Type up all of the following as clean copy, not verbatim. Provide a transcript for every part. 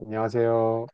안녕하세요.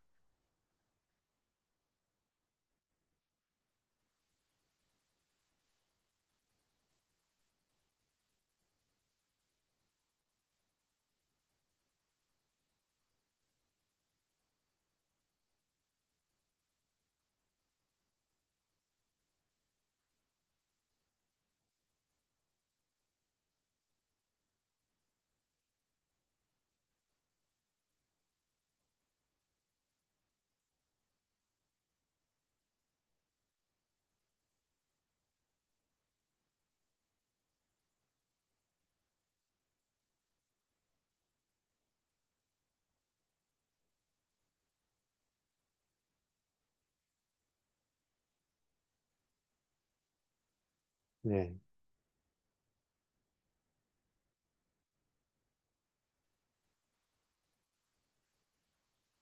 네.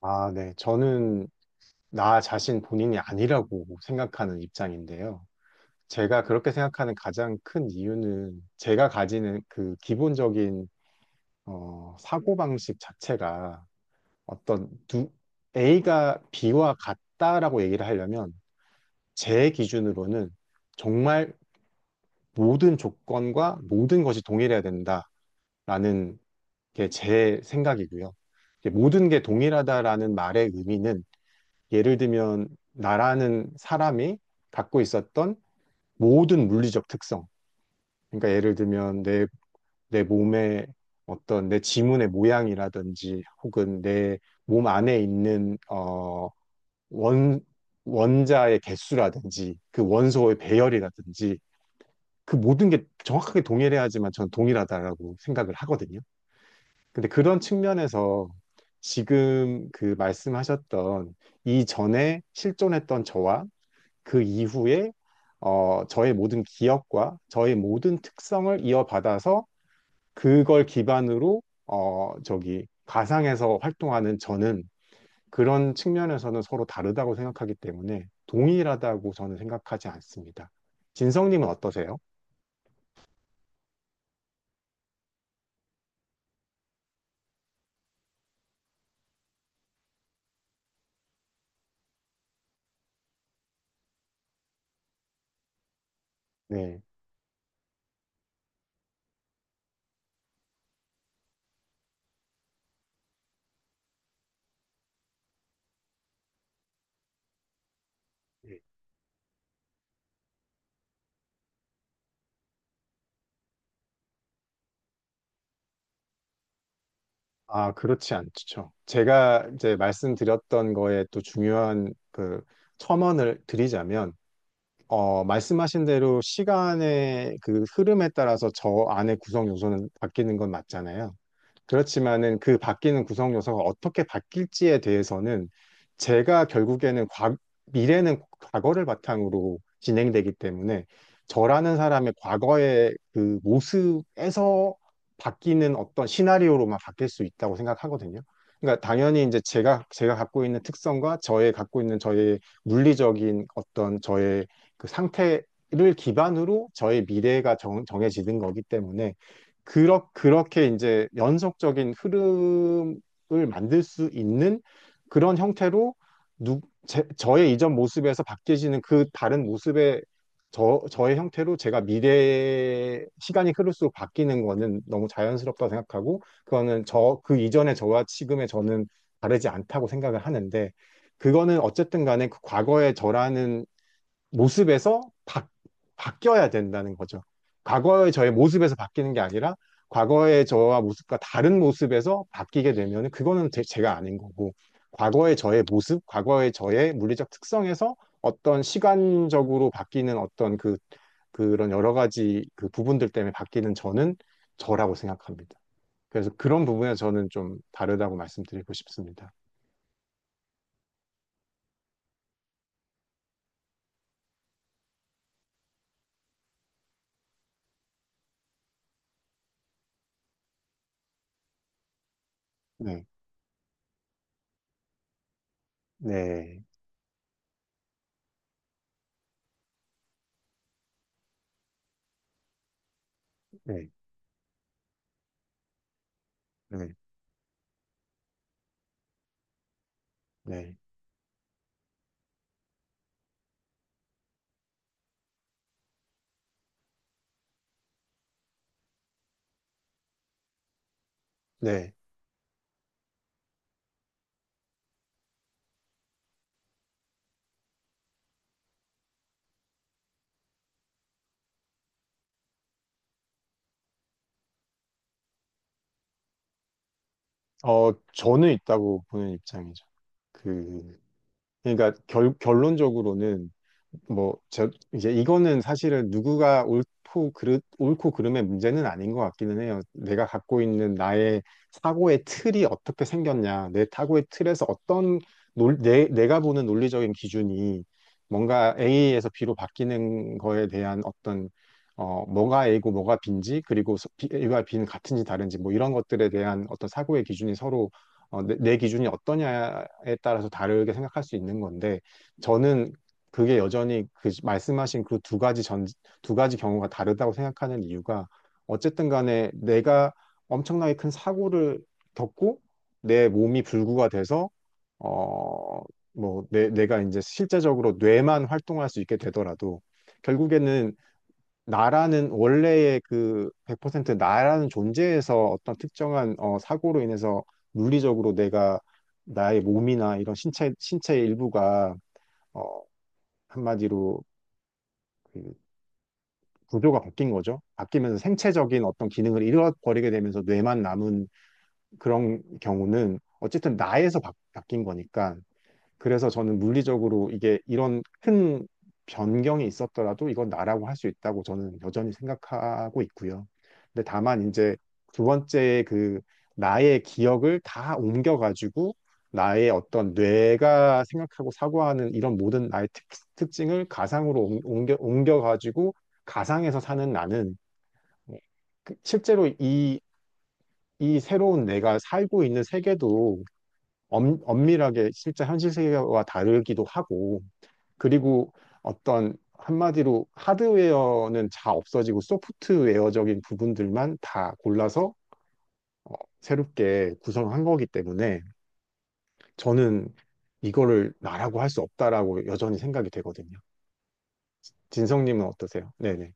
아, 네. 저는 나 자신 본인이 아니라고 생각하는 입장인데요. 제가 그렇게 생각하는 가장 큰 이유는 제가 가지는 그 기본적인 사고방식 자체가 어떤 두, A가 B와 같다라고 얘기를 하려면 제 기준으로는 정말 모든 조건과 모든 것이 동일해야 된다라는 게 제 생각이고요. 이게 모든 게 동일하다라는 말의 의미는 예를 들면 나라는 사람이 갖고 있었던 모든 물리적 특성. 그러니까 예를 들면 내 몸의 어떤 내 지문의 모양이라든지 혹은 내 몸 안에 있는 원, 원자의 개수라든지 그 원소의 배열이라든지 그 모든 게 정확하게 동일해야지만 전 동일하다라고 생각을 하거든요. 근데 그런 측면에서 지금 그 말씀하셨던 이전에 실존했던 저와 그 이후에 저의 모든 기억과 저의 모든 특성을 이어받아서 그걸 기반으로 저기 가상에서 활동하는 저는 그런 측면에서는 서로 다르다고 생각하기 때문에 동일하다고 저는 생각하지 않습니다. 진성님은 어떠세요? 네. 네. 아, 그렇지 않죠. 제가 이제 말씀드렸던 거에 또 중요한 그 첨언을 드리자면 말씀하신 대로 시간의 그 흐름에 따라서 저 안의 구성 요소는 바뀌는 건 맞잖아요. 그렇지만은 그 바뀌는 구성 요소가 어떻게 바뀔지에 대해서는 제가 결국에는 미래는 과거를 바탕으로 진행되기 때문에 저라는 사람의 과거의 그 모습에서 바뀌는 어떤 시나리오로만 바뀔 수 있다고 생각하거든요. 그러니까 당연히 이제 제가 갖고 있는 특성과 저의 갖고 있는 저의 물리적인 어떤 저의 그 상태를 기반으로 저의 미래가 정해지는 거기 때문에 그렇게 이제 연속적인 흐름을 만들 수 있는 그런 형태로 누, 저의 이전 모습에서 바뀌어지는 그 다른 모습의 저의 형태로 제가 미래에 시간이 흐를수록 바뀌는 거는 너무 자연스럽다고 생각하고 그거는 그 이전의 저와 지금의 저는 다르지 않다고 생각을 하는데 그거는 어쨌든 간에 그 과거의 저라는 모습에서 바뀌어야 된다는 거죠. 과거의 저의 모습에서 바뀌는 게 아니라 과거의 저와 모습과 다른 모습에서 바뀌게 되면 그거는 제가 아닌 거고 과거의 저의 모습, 과거의 저의 물리적 특성에서 어떤 시간적으로 바뀌는 어떤 그런 여러 가지 그 부분들 때문에 바뀌는 저는 저라고 생각합니다. 그래서 그런 부분에 저는 좀 다르다고 말씀드리고 싶습니다. 네, 네, 네, 네, 네, 네. 저는 있다고 보는 입장이죠. 그, 그러니까 결론적으로는 뭐, 이제 이거는 사실은 누구가 옳고 옳고 그름의 문제는 아닌 것 같기는 해요. 내가 갖고 있는 나의 사고의 틀이 어떻게 생겼냐, 내 사고의 틀에서 어떤, 내가 보는 논리적인 기준이 뭔가 A에서 B로 바뀌는 거에 대한 어떤, 뭐가 A고 뭐가 B인지, 그리고 A와 B는 같은지 다른지, 뭐 이런 것들에 대한 어떤 사고의 기준이 서로 내 기준이 어떠냐에 따라서 다르게 생각할 수 있는 건데, 저는 그게 여전히 그 말씀하신 그 두 가지 경우가 다르다고 생각하는 이유가 어쨌든 간에 내가 엄청나게 큰 사고를 겪고 내 몸이 불구가 돼서 어, 뭐 내가 이제 실제적으로 뇌만 활동할 수 있게 되더라도 결국에는 나라는 원래의 그 100% 나라는 존재에서 어떤 특정한 사고로 인해서 물리적으로 내가 나의 몸이나 이런 신체의 일부가 어, 한마디로 그 구조가 바뀐 거죠. 바뀌면서 생체적인 어떤 기능을 잃어버리게 되면서 뇌만 남은 그런 경우는 어쨌든 나에서 뀐 거니까 그래서 저는 물리적으로 이게 이런 큰 변경이 있었더라도 이건 나라고 할 수 있다고 저는 여전히 생각하고 있고요. 근데 다만 이제 두 번째 그 나의 기억을 다 옮겨가지고 나의 어떤 뇌가 생각하고 사고하는 이런 모든 나의 특징을 가상으로 옮겨가지고 가상에서 사는 나는 실제로 이 새로운 내가 살고 있는 세계도 엄밀하게 실제 현실 세계와 다르기도 하고 그리고 어떤 한마디로 하드웨어는 다 없어지고 소프트웨어적인 부분들만 다 골라서 어, 새롭게 구성한 거기 때문에 저는 이거를 나라고 할 수 없다라고 여전히 생각이 되거든요. 진성님은 어떠세요? 네네.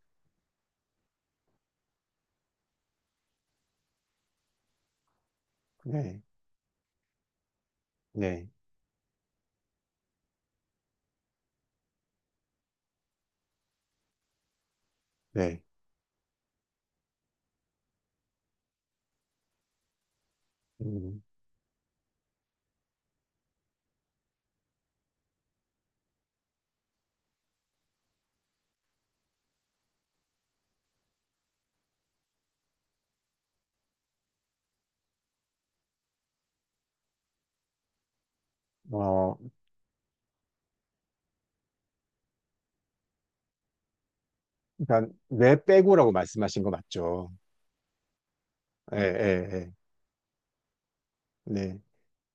네. 네. 네. 음, 어, 일단, 뇌 빼고라고 말씀하신 거 맞죠? 예, 예, 예. 네.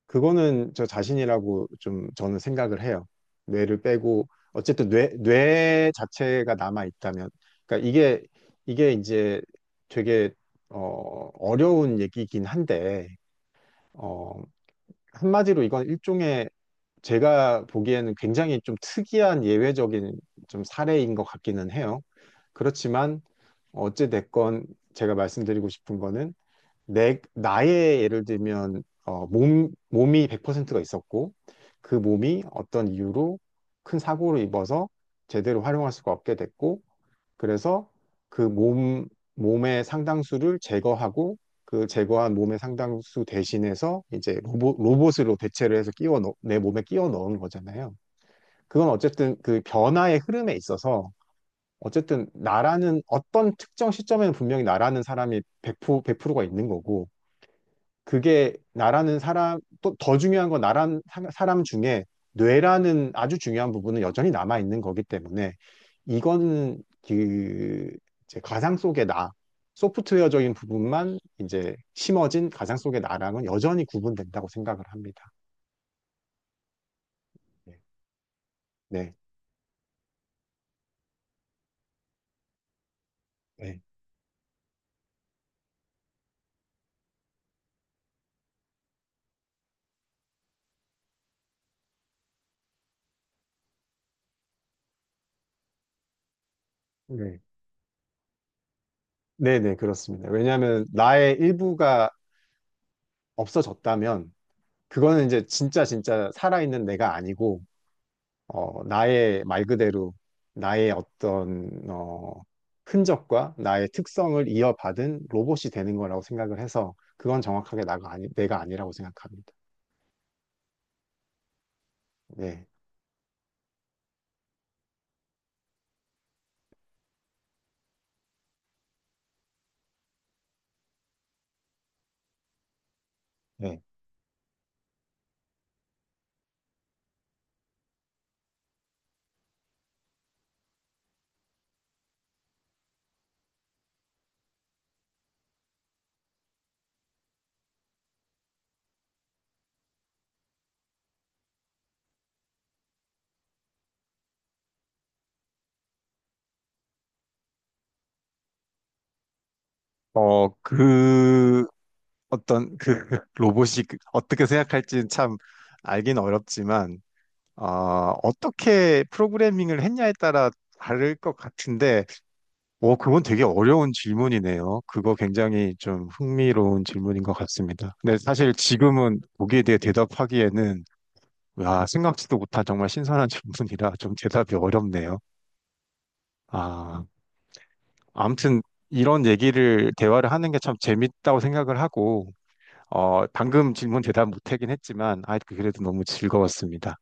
그거는 저 자신이라고 좀 저는 생각을 해요. 뇌를 빼고 어쨌든 뇌 자체가 남아 있다면, 그러니까 이게 이제 되게 어려운 얘기긴 한데 어, 한마디로 이건 일종의 제가 보기에는 굉장히 좀 특이한 예외적인 좀 사례인 것 같기는 해요. 그렇지만 어찌 됐건 제가 말씀드리고 싶은 거는 나의 예를 들면, 몸이 100%가 있었고, 그 몸이 어떤 이유로 큰 사고를 입어서 제대로 활용할 수가 없게 됐고, 그래서 그 몸의 상당수를 제거하고, 그 제거한 몸의 상당수 대신해서 이제 로봇으로 대체를 해서 내 몸에 끼워 넣은 거잖아요. 그건 어쨌든 그 변화의 흐름에 있어서, 어쨌든 나라는 어떤 특정 시점에는 분명히 나라는 사람이 100%, 100%가 있는 거고, 그게 나라는 사람, 또 더 중요한 건 나란 사람 중에 뇌라는 아주 중요한 부분은 여전히 남아 있는 거기 때문에 이거는 그 이제 가상 속의 나, 소프트웨어적인 부분만 이제 심어진 가상 속의 나랑은 여전히 구분된다고 생각을 합니다. 네. 네. 네. 네. 네네, 그렇습니다. 왜냐하면 나의 일부가 없어졌다면 그거는 이제 진짜 진짜 살아있는 내가 아니고 나의 말 그대로 나의 어떤 흔적과 나의 특성을 이어받은 로봇이 되는 거라고 생각을 해서 그건 정확하게 나가 아니, 내가 아니라고 생각합니다. 네. 네. 그 어떤 그 로봇이 어떻게 생각할지는 참 알긴 어렵지만 어, 어떻게 프로그래밍을 했냐에 따라 다를 것 같은데 오, 그건 되게 어려운 질문이네요. 그거 굉장히 좀 흥미로운 질문인 것 같습니다. 근데 사실 지금은 거기에 대해 대답하기에는, 와, 생각지도 못한 정말 신선한 질문이라 좀 대답이 어렵네요. 아, 아무튼 이런 얘기를, 대화를 하는 게 참 재밌다고 생각을 하고, 방금 질문 대답 못하긴 했지만, 아, 그래도 너무 즐거웠습니다.